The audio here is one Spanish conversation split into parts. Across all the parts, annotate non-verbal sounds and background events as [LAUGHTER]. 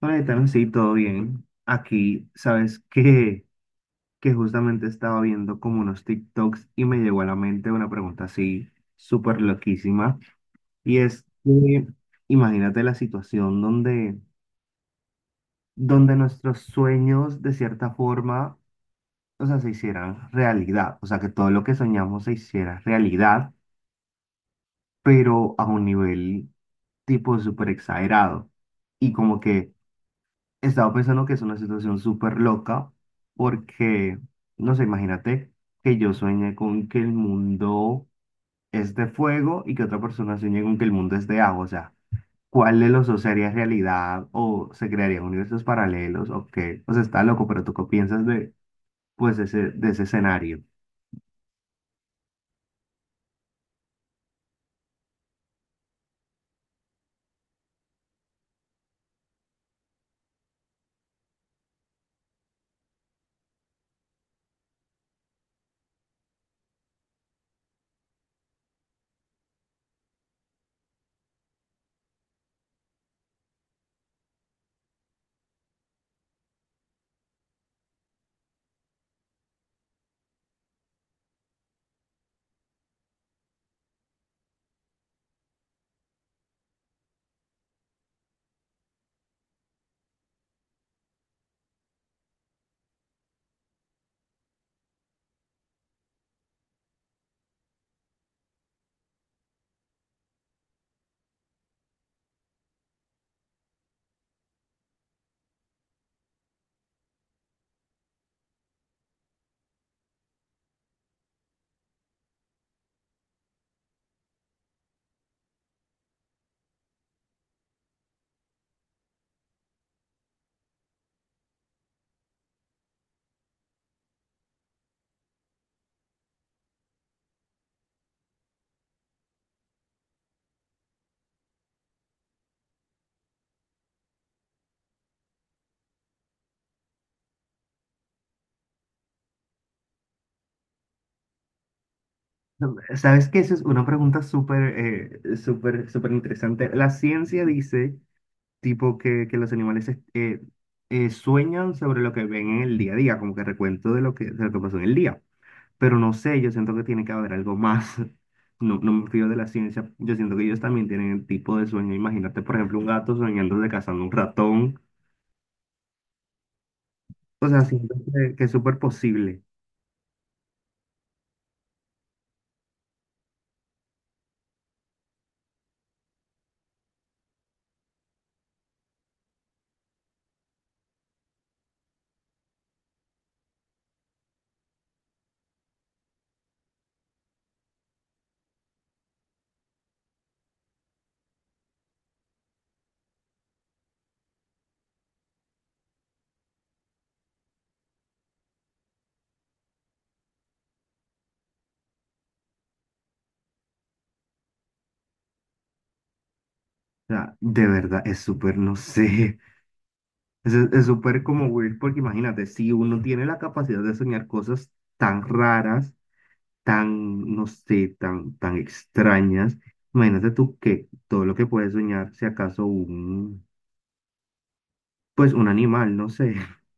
Vale, también sí, todo bien. Aquí, sabes que, [LAUGHS] que justamente estaba viendo como unos TikToks y me llegó a la mente una pregunta así súper loquísima. Y es que imagínate la situación donde, nuestros sueños de cierta forma, o sea, se hicieran realidad. O sea, que todo lo que soñamos se hiciera realidad, pero a un nivel tipo súper exagerado. Y como que estaba pensando que es una situación súper loca porque, no sé, imagínate que yo sueñe con que el mundo es de fuego y que otra persona sueñe con que el mundo es de agua. O sea, ¿cuál de los dos sería realidad? ¿O se crearían universos paralelos? ¿O qué? O sea, está loco, pero ¿tú qué piensas de, pues, ese, de ese escenario? No, ¿sabes qué? Esa es una pregunta súper, súper, súper interesante. La ciencia dice tipo que los animales sueñan sobre lo que ven en el día a día, como que recuento de lo que pasó en el día. Pero no sé, yo siento que tiene que haber algo más. [LAUGHS] No, no me fío de la ciencia. Yo siento que ellos también tienen el tipo de sueño. Imagínate, por ejemplo, un gato soñando de cazando un ratón. O sea, siento que es súper posible. O sea, de verdad, es súper, no sé. [LAUGHS] Es súper como weird, porque imagínate, si uno tiene la capacidad de soñar cosas tan raras, tan, no sé, tan, tan extrañas. Imagínate tú que todo lo que puedes soñar, si acaso un, pues un animal, no sé. [LAUGHS]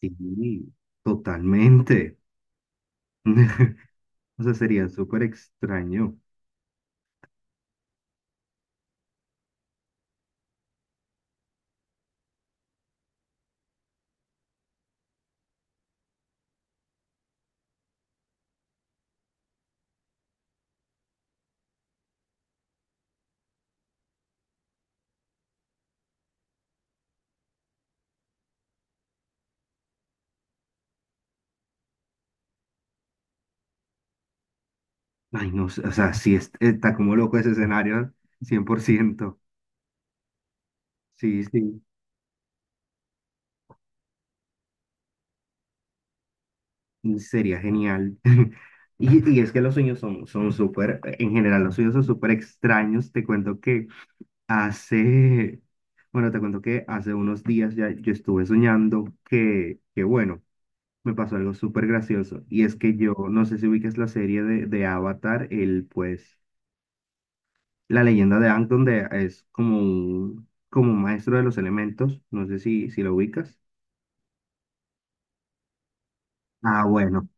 Sí, totalmente. [LAUGHS] O sea, sería súper extraño. Ay, no sé, o sea, está como loco ese escenario, 100%. Sí, sí, y sería genial. [LAUGHS] Y, y es que los sueños son, son súper, en general, los sueños son súper extraños. Te cuento que hace, bueno, te cuento que hace unos días ya yo estuve soñando que bueno, me pasó algo súper gracioso. Y es que yo, no sé si ubicas la serie de Avatar, el pues, la leyenda de Aang, donde es como un maestro de los elementos. No sé si, si lo ubicas. Ah, bueno,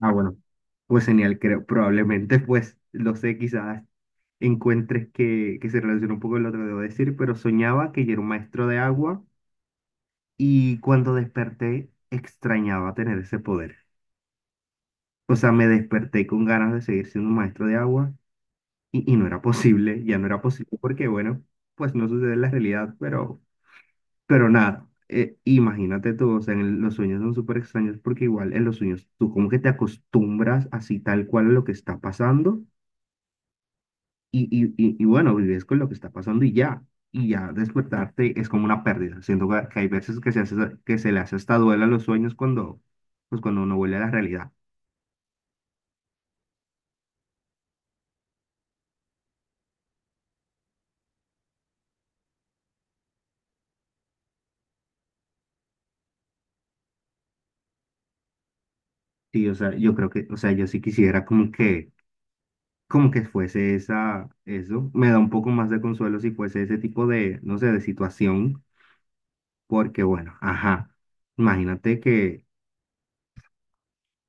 ah, bueno. Pues genial, creo, probablemente, pues, lo sé, quizás encuentres que se relaciona un poco con lo que debo decir, pero soñaba que yo era un maestro de agua. Y cuando desperté, extrañaba tener ese poder. O sea, me desperté con ganas de seguir siendo un maestro de agua y no era posible, ya no era posible porque, bueno, pues no sucede en la realidad, pero nada, imagínate tú, o sea, los sueños son súper extraños porque igual en los sueños tú como que te acostumbras así tal cual a lo que está pasando. Y bueno, vives con lo que está pasando y ya. Y ya despertarte es como una pérdida. Siento que hay veces que se hace, que se le hace hasta duela a los sueños cuando, pues cuando uno vuelve a la realidad. Sí, o sea, yo creo que, o sea, yo sí quisiera como que fuese esa, eso. Me da un poco más de consuelo si fuese ese tipo de, no sé, de situación. Porque bueno, ajá. Imagínate que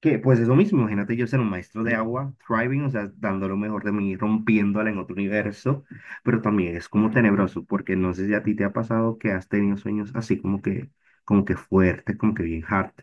Que pues es lo mismo, imagínate yo ser un maestro de agua, thriving, o sea, dando lo mejor de mí, rompiéndola en otro universo, pero también es como tenebroso, porque no sé si a ti te ha pasado que has tenido sueños así como que fuertes, como que bien hard.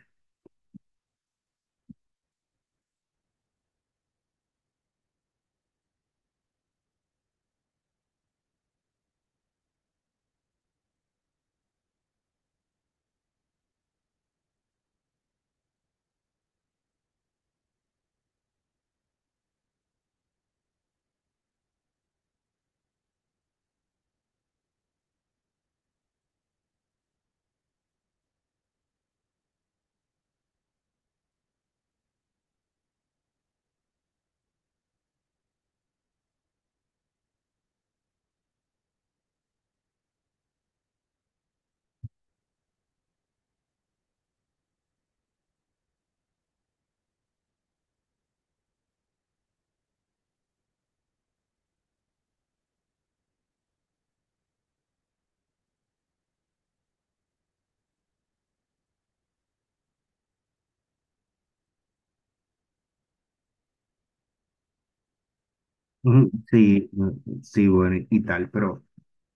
Ujú, sí, mm, sí, bueno, y tal,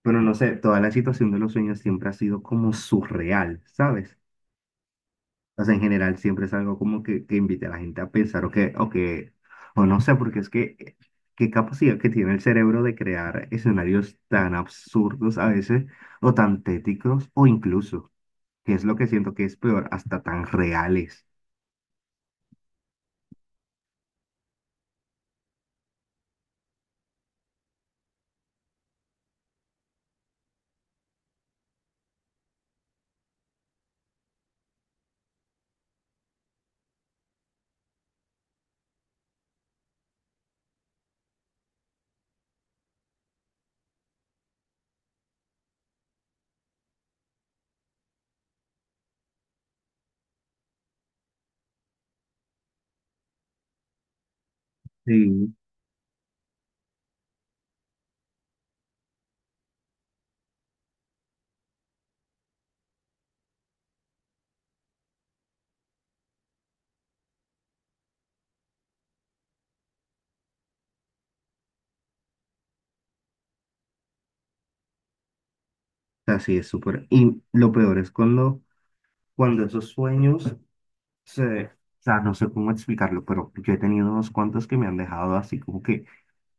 pero no sé, toda la situación de los sueños siempre ha sido como surreal, ¿sabes? O sea, en general siempre es algo como que invite a la gente a pensar o que, o que, o no sé, porque es que qué capacidad que tiene el cerebro de crear escenarios tan absurdos a veces, o tan tétricos o incluso, que es lo que siento que es peor, hasta tan reales. Sí. O sea, sí, es súper. Y lo peor es cuando, cuando esos sueños se... O sea, no sé cómo explicarlo, pero yo he tenido unos cuantos que me han dejado así como que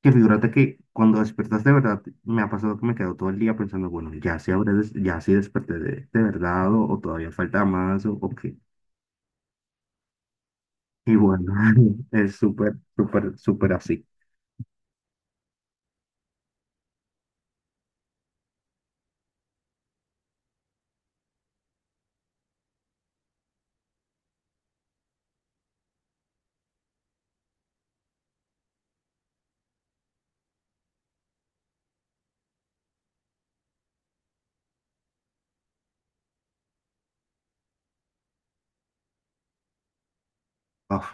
Que figúrate que cuando despertas de verdad, me ha pasado que me quedo todo el día pensando, bueno, ya sí, ya sí desperté de verdad o todavía falta más o qué. Y bueno, [LAUGHS] es súper, súper, súper así. Uf,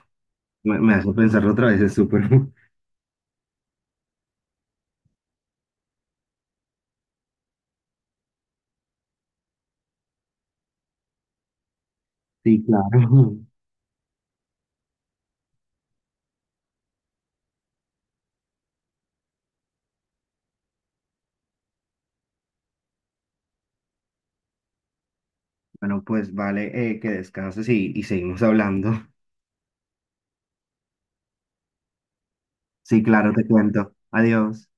me hace pensarlo otra vez, es súper. [LAUGHS] Sí, claro. Bueno, pues vale, que descanses y seguimos hablando. Sí, claro, te cuento. Adiós.